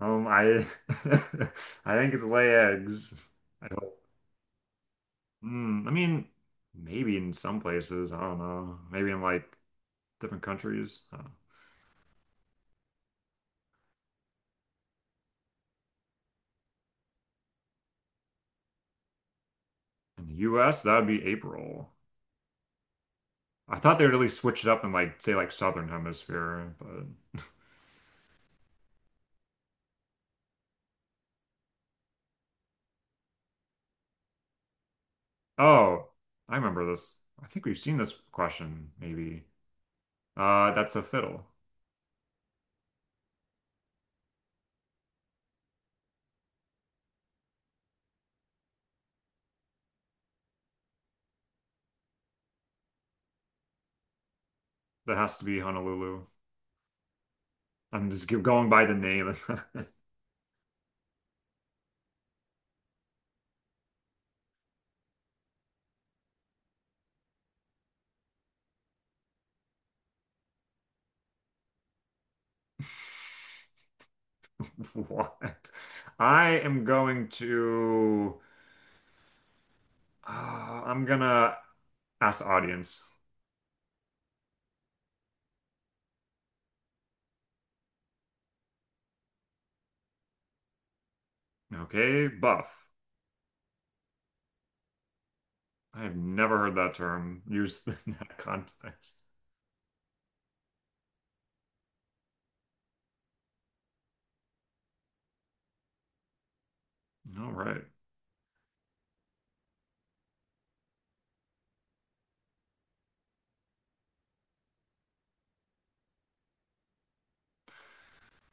I I think it's lay eggs. I hope. Mm, I mean, maybe in some places, I don't know. Maybe in like different countries. In the US, that would be April. I thought they'd really switch it up in like say like Southern Hemisphere, but oh, I remember this. I think we've seen this question maybe. That's a fiddle. That has to be Honolulu. I'm just keep going by the name. What? I am going to. I'm gonna ask the audience. Okay, buff. I have never heard that term used in that context. All right.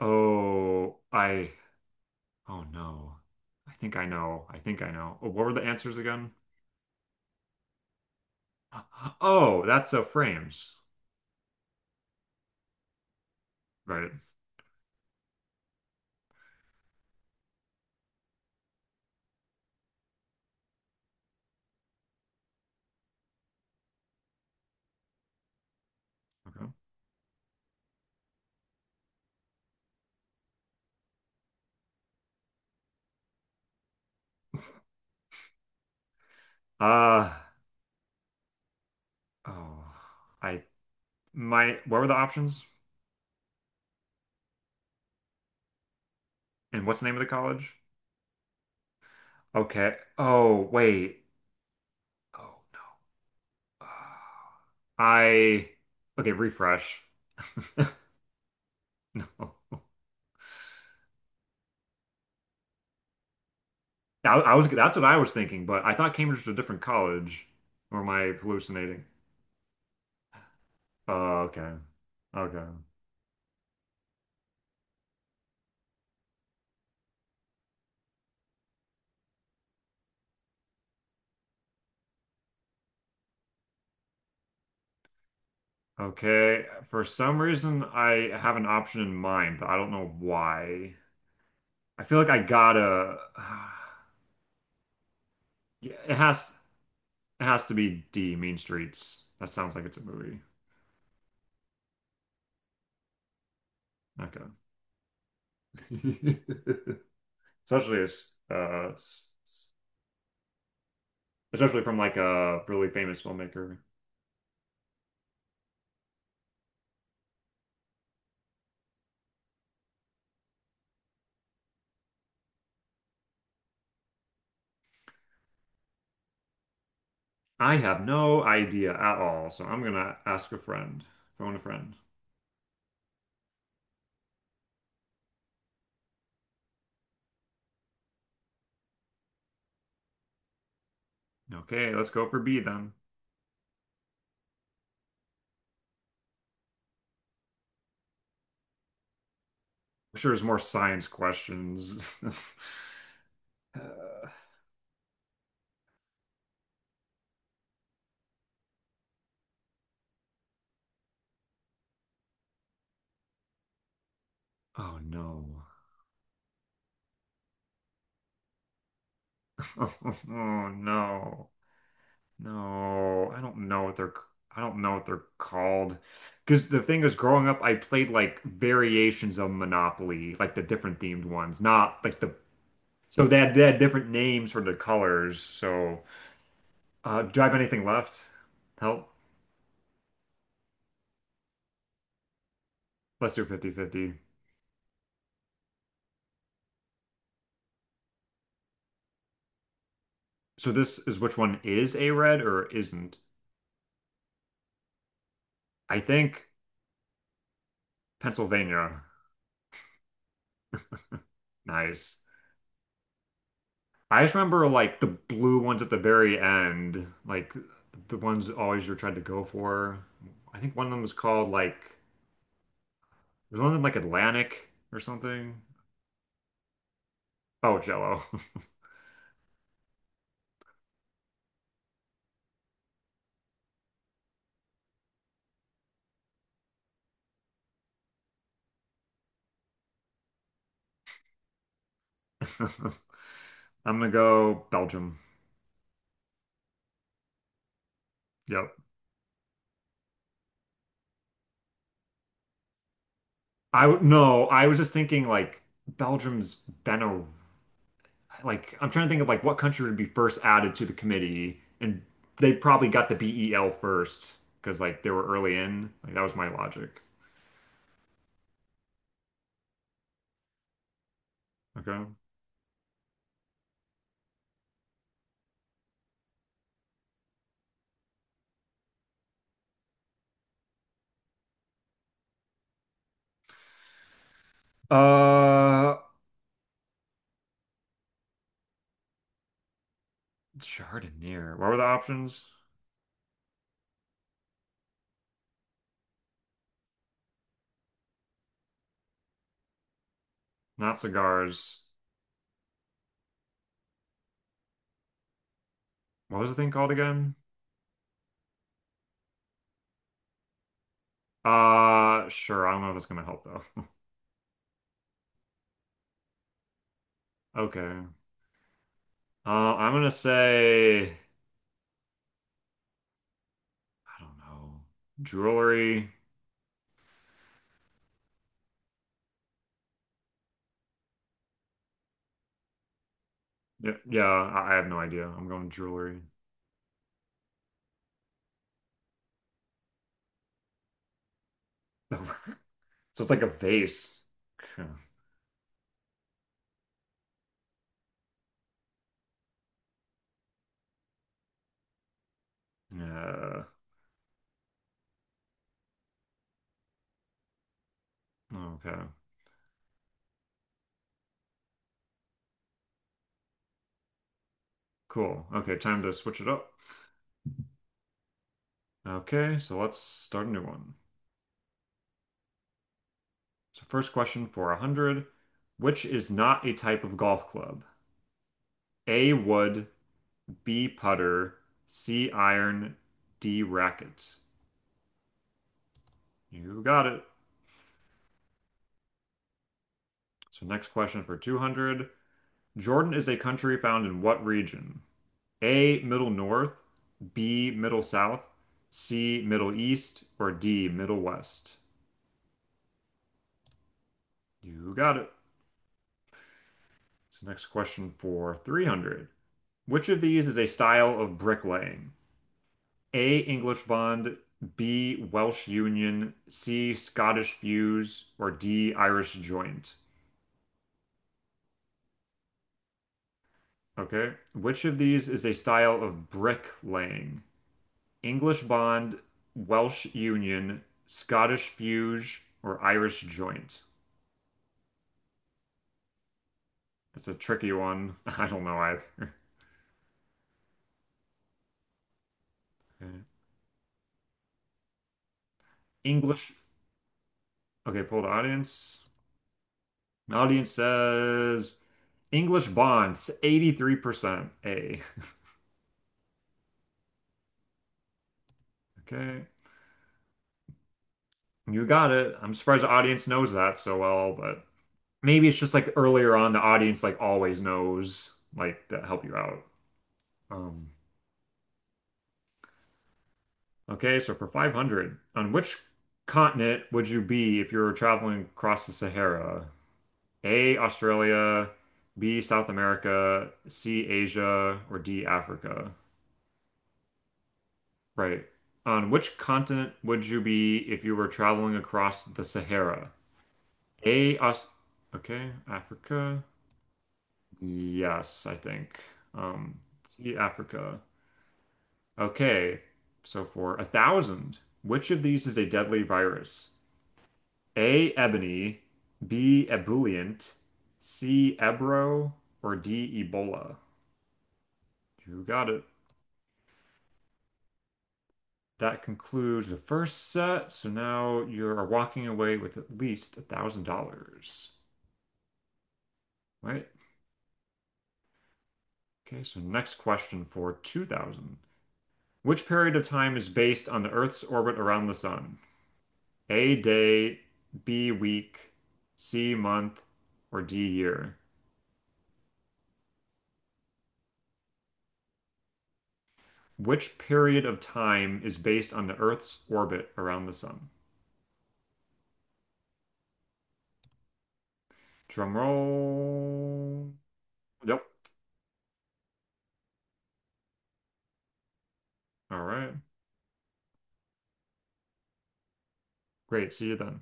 Oh, I. Oh no. I think I know. I think I know. Oh, what were the answers again? Oh, that's frames. Right. Okay. Uh. Oh. I. My. What were the options? And what's the name of the college? Okay. Oh, wait. Oh. I okay, refresh. No. I was that's what I was thinking, but I thought Cambridge was a different college. Or am I hallucinating? Oh, okay. Okay. Okay. For some reason I have an option in mind, but I don't know why. I feel like I gotta yeah, it has to be D, Mean Streets. That sounds like it's a movie. Okay. Especially as especially from like a really famous filmmaker. I have no idea at all, so I'm gonna ask a friend, phone a friend. Okay, let's go for B then. I'm sure there's more science questions. Uh, oh no. Oh no. No, I don't know what they're I don't know what they're called. Because the thing is, growing up, I played like variations of Monopoly, like the different themed ones, not like the so they had different names for the colors. So do I have anything left? Help. Let's do 50-50. So this is which one is a red or isn't? I think Pennsylvania. Nice. I just remember like the blue ones at the very end, like the ones always you're trying to go for. I think one of them was called like was one of them like Atlantic or something. Oh, Jello. I'm gonna go Belgium. Yep. I w- no, I was just thinking like Belgium's been a. Like I'm trying to think of like what country would be first added to the committee, and they probably got the BEL first because like they were early in. Like that was my logic. Okay. Uh, Chardonnay. What were the options? Not cigars. What was the thing called again? Sure. I don't know if it's gonna help though. Okay. I'm gonna say I don't know. Jewelry. Yeah, yeah. I have no idea. I'm going jewelry. So it's like a vase. Okay. Yeah. Okay, cool. Okay, time to switch it up. Okay, so let's start a new one. So first question for 100. Which is not a type of golf club? A wood, B putter, C iron, D racket. You got it. So next question for 200. Jordan is a country found in what region? A Middle North, B Middle South, C Middle East, or D Middle West? You got it. So next question for 300. Which of these is a style of bricklaying? A. English bond, B. Welsh union, C. Scottish fuse, or D. Irish joint. Okay. Which of these is a style of bricklaying? English bond, Welsh union, Scottish fuse, or Irish joint? It's a tricky one. I don't know either. English. Okay, poll the audience. The audience says English bonds, 83% A. Okay. You got it. I'm surprised the audience knows that so well, but maybe it's just like earlier on, the audience like always knows like to help you out. Um, okay, so for 500, on which continent would you be if you were traveling across the Sahara? A, Australia, B, South America, C, Asia, or D, Africa? Right. On which continent would you be if you were traveling across the Sahara? A, Aus- okay, Africa. Yes, I think. Um, see Africa. Okay, so for 1,000, which of these is a deadly virus? A. Ebony, B. Ebullient, C. Ebro, or D. Ebola? You got it. That concludes the first set. So now you are walking away with at least $1,000. Right? Okay, so next question for 2000. Which period of time is based on the Earth's orbit around the sun? A day, B week, C month, or D year? Which period of time is based on the Earth's orbit around the sun? Drum roll. Yep. All right. Great. See you then.